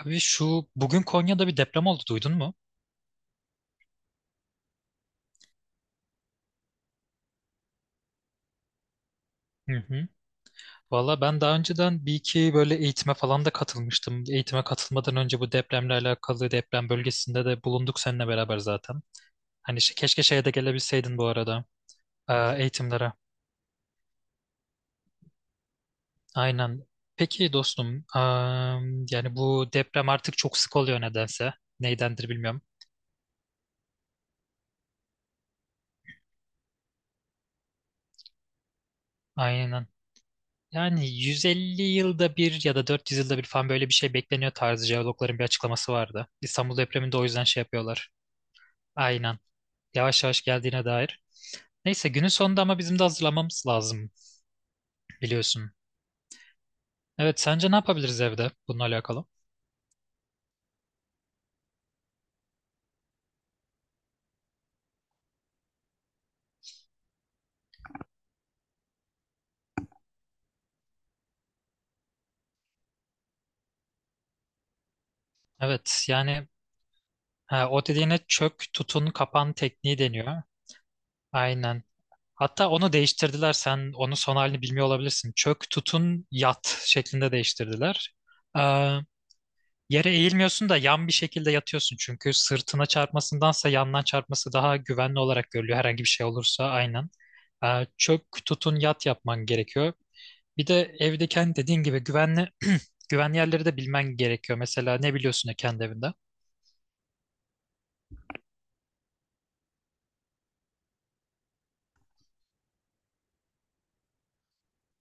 Abi şu bugün Konya'da bir deprem oldu duydun mu? Hı hı. Valla ben daha önceden bir iki böyle eğitime falan da katılmıştım. Eğitime katılmadan önce bu depremle alakalı deprem bölgesinde de bulunduk seninle beraber zaten. Hani şey- keşke şeye de gelebilseydin bu arada e, eğitimlere. Aynen. Peki dostum, yani bu deprem artık çok sık oluyor nedense. Neydendir bilmiyorum. Aynen. Yani 150 yılda bir ya da 400 yılda bir falan böyle bir şey bekleniyor tarzı jeologların bir açıklaması vardı. İstanbul depreminde o yüzden şey yapıyorlar. Aynen. Yavaş yavaş geldiğine dair. Neyse günün sonunda ama bizim de hazırlamamız lazım biliyorsun. Evet, sence ne yapabiliriz evde bununla alakalı? Evet yani ha, o dediğine çök tutun kapan tekniği deniyor. Aynen. Hatta onu değiştirdiler. Sen onun son halini bilmiyor olabilirsin. Çök tutun yat şeklinde değiştirdiler. Yere eğilmiyorsun da yan bir şekilde yatıyorsun çünkü sırtına çarpmasındansa yandan çarpması daha güvenli olarak görülüyor herhangi bir şey olursa aynen. Çök tutun yat yapman gerekiyor. Bir de evde kendi dediğin gibi güvenli güvenli yerleri de bilmen gerekiyor. Mesela ne biliyorsun ya kendi evinde?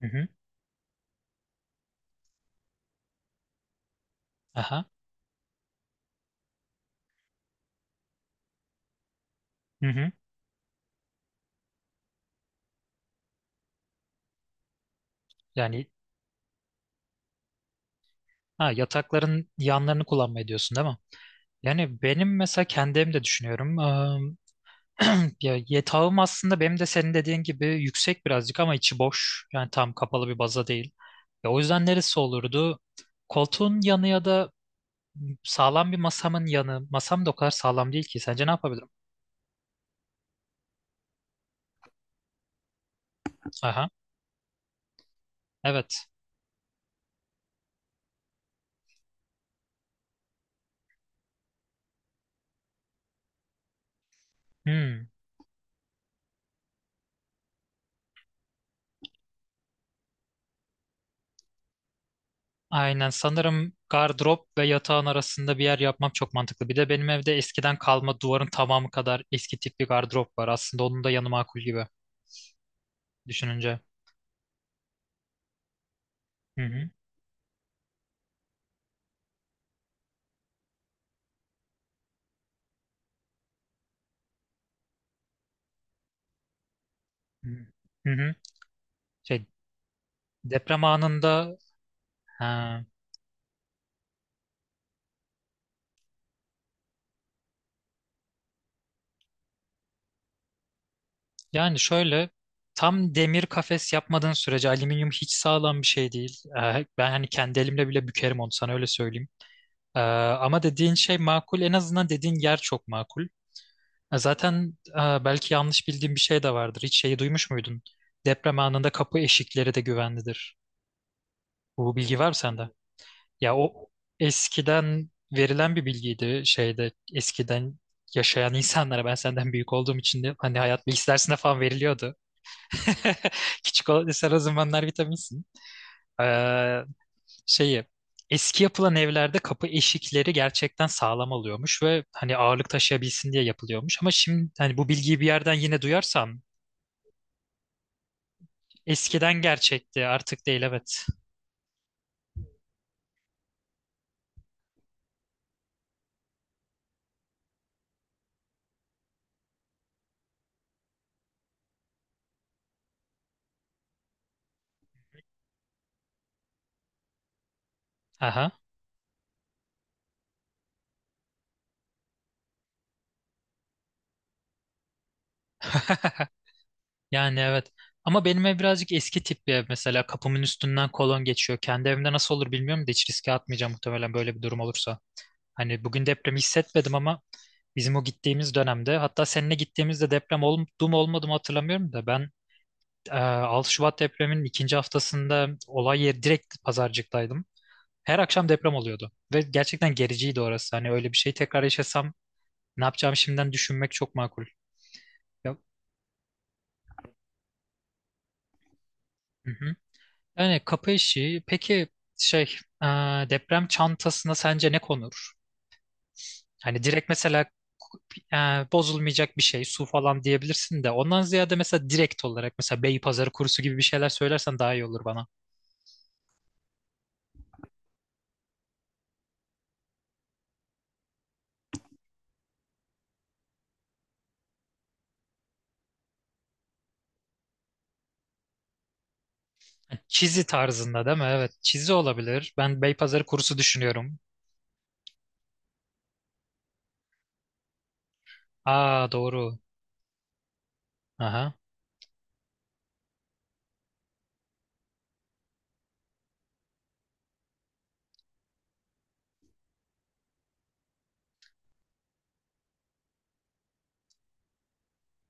Hı hı. Aha. Hı hı. Yani ha, yatakların yanlarını kullanmayı diyorsun değil mi? Yani benim mesela kendi evimde düşünüyorum. Ya yatağım aslında benim de senin dediğin gibi yüksek birazcık ama içi boş. Yani tam kapalı bir baza değil. Ya o yüzden neresi olurdu? Koltuğun yanı ya da sağlam bir masamın yanı. Masam da o kadar sağlam değil ki. Sence ne yapabilirim? Aha, evet. Hmm. Aynen sanırım gardırop ve yatağın arasında bir yer yapmam çok mantıklı. Bir de benim evde eskiden kalma duvarın tamamı kadar eski tip bir gardırop var. Aslında onun da yanı makul gibi düşününce. Hı hı. Hı hı. Hı hı. Şey deprem anında ha. Yani şöyle tam demir kafes yapmadığın sürece alüminyum hiç sağlam bir şey değil. Ben hani kendi elimle bile bükerim onu sana öyle söyleyeyim. Ee, Ama dediğin şey makul, en azından dediğin yer çok makul. Zaten belki yanlış bildiğim bir şey de vardır. Hiç şeyi duymuş muydun? Deprem anında kapı eşikleri de güvenlidir. Bu bilgi var mı sende? Ya o eskiden verilen bir bilgiydi şeyde eskiden yaşayan insanlara ben senden büyük olduğum için de hani hayat bilgisi dersinde falan veriliyordu. Ki çikolata sen o zamanlar vitaminsin. Ee, Şeyi eski yapılan evlerde kapı eşikleri gerçekten sağlam oluyormuş ve hani ağırlık taşıyabilsin diye yapılıyormuş. Ama şimdi hani bu bilgiyi bir yerden yine duyarsam eskiden gerçekti artık değil, evet. Aha. Yani evet. Ama benim ev birazcık eski tip bir ev, mesela kapımın üstünden kolon geçiyor. Kendi evimde nasıl olur bilmiyorum da hiç riske atmayacağım muhtemelen böyle bir durum olursa. Hani bugün depremi hissetmedim ama bizim o gittiğimiz dönemde hatta seninle gittiğimizde deprem oldu mu olmadı mı hatırlamıyorum da ben 6 Şubat depreminin ikinci haftasında olay yeri direkt Pazarcık'taydım. Her akşam deprem oluyordu ve gerçekten gericiydi orası. Hani öyle bir şey tekrar yaşasam ne yapacağımı şimdiden düşünmek çok makul. Ya, hı hı. Yani kapı işi peki şey e, deprem çantasına sence ne konur? Hani direkt mesela e, bozulmayacak bir şey su falan diyebilirsin de ondan ziyade mesela direkt olarak mesela Beypazarı kurusu gibi bir şeyler söylersen daha iyi olur bana. Çizi tarzında değil mi? Evet, çizi olabilir. Ben Beypazarı kurusu düşünüyorum. Aa doğru. Aha.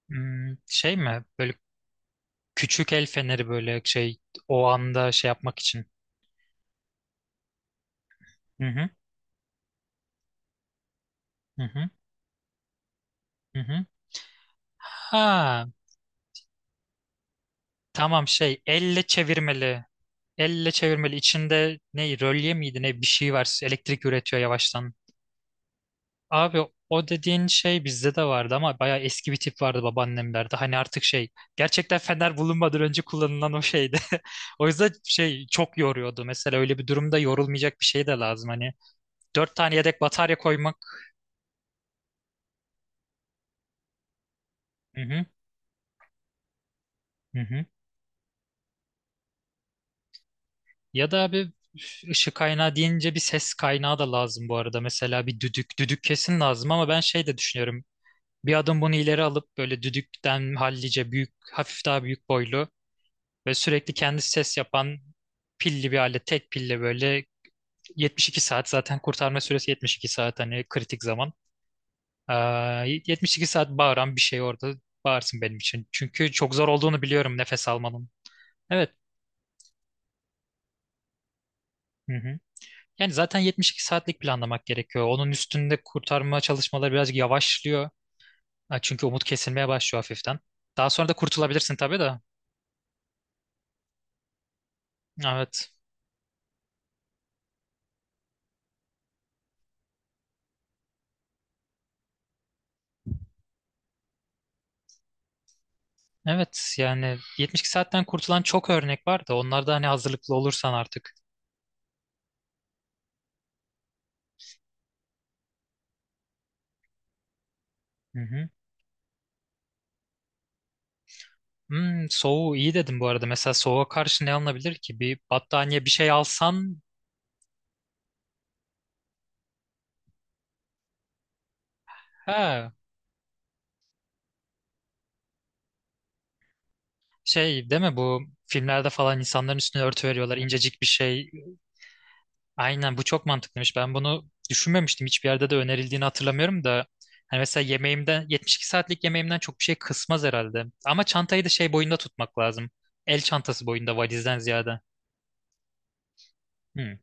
Hmm, şey mi? Böyle küçük el feneri böyle şey o anda şey yapmak için. Hı hı. Hı hı. Hı hı. Ha, tamam, şey elle çevirmeli. Elle çevirmeli. İçinde ne rölye miydi ne bir şey var. Elektrik üretiyor yavaştan. Abi o dediğin şey bizde de vardı ama bayağı eski bir tip vardı babaannemlerde. Hani artık şey gerçekten fener bulunmadan önce kullanılan o şeydi. O yüzden şey çok yoruyordu. Mesela öyle bir durumda yorulmayacak bir şey de lazım. Hani dört tane yedek batarya koymak. Hı hı, hı hı. Ya da abi üf, ışık kaynağı deyince bir ses kaynağı da lazım bu arada. Mesela bir düdük. Düdük kesin lazım ama ben şey de düşünüyorum. Bir adım bunu ileri alıp böyle düdükten hallice büyük, hafif daha büyük boylu ve sürekli kendi ses yapan pilli bir alet, tek pille böyle 72 saat, zaten kurtarma süresi 72 saat hani kritik zaman. Ee, 72 saat bağıran bir şey orada bağırsın benim için. Çünkü çok zor olduğunu biliyorum nefes almanın. Evet. Hı hı. Yani zaten 72 saatlik planlamak gerekiyor. Onun üstünde kurtarma çalışmaları birazcık yavaşlıyor. Ha, çünkü umut kesilmeye başlıyor hafiften. Daha sonra da kurtulabilirsin tabii de. Evet. Evet yani 72 saatten kurtulan çok örnek var da onlar da hani hazırlıklı olursan artık. Hı hı. Hmm, soğuğu iyi dedim bu arada. Mesela soğuğa karşı ne alınabilir ki? Bir battaniye bir şey alsan ha şey değil mi bu filmlerde falan insanların üstüne örtü veriyorlar incecik bir şey. Aynen bu çok mantıklıymış. Ben bunu düşünmemiştim. Hiçbir yerde de önerildiğini hatırlamıyorum da. Hani mesela yemeğimden 72 saatlik yemeğimden çok bir şey kısmaz herhalde. Ama çantayı da şey boyunda tutmak lazım. El çantası boyunda valizden ziyade. Hı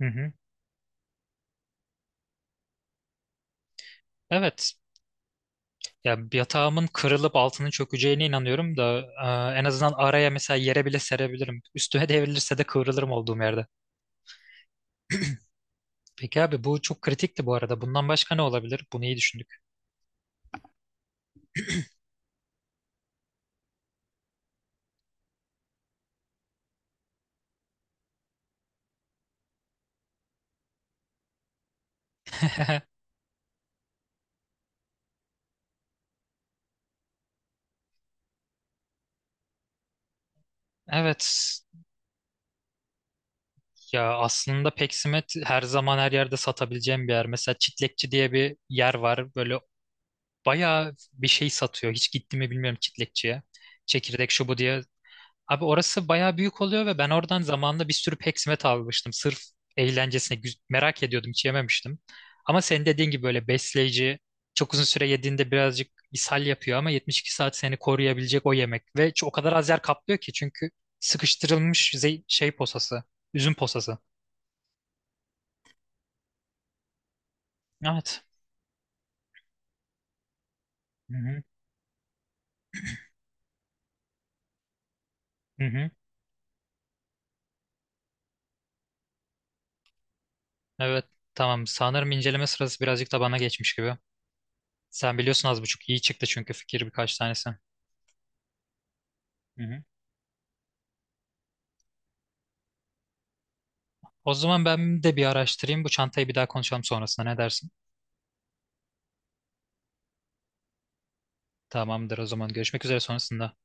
hı. Hı. Evet. Ya bir yatağımın kırılıp altının çökeceğine inanıyorum da en azından araya mesela yere bile serebilirim. Üstüme devrilirse de kıvrılırım olduğum yerde. Peki abi bu çok kritikti bu arada. Bundan başka ne olabilir? Bunu iyi düşündük. Evet. Ya aslında peksimet her zaman her yerde satabileceğim bir yer. Mesela Çitlekçi diye bir yer var. Böyle bayağı bir şey satıyor. Hiç gitti mi bilmiyorum Çitlekçiye. Çekirdek şu bu diye abi orası bayağı büyük oluyor ve ben oradan zamanında bir sürü peksimet almıştım. Sırf eğlencesine güz- merak ediyordum hiç yememiştim. Ama senin dediğin gibi böyle besleyici çok uzun süre yediğinde birazcık ishal yapıyor ama 72 saat seni koruyabilecek o yemek. Ve ç- o kadar az yer kaplıyor ki çünkü sıkıştırılmış ze- şey posası, üzüm posası. Evet. Hı hı. Hı hı. Evet. Tamam. Sanırım inceleme sırası birazcık da bana geçmiş gibi. Sen biliyorsun az buçuk iyi çıktı çünkü fikir birkaç tanesi. Hı hı. O zaman ben de bir araştırayım. Bu çantayı bir daha konuşalım sonrasında. Ne dersin? Tamamdır o zaman. Görüşmek üzere sonrasında.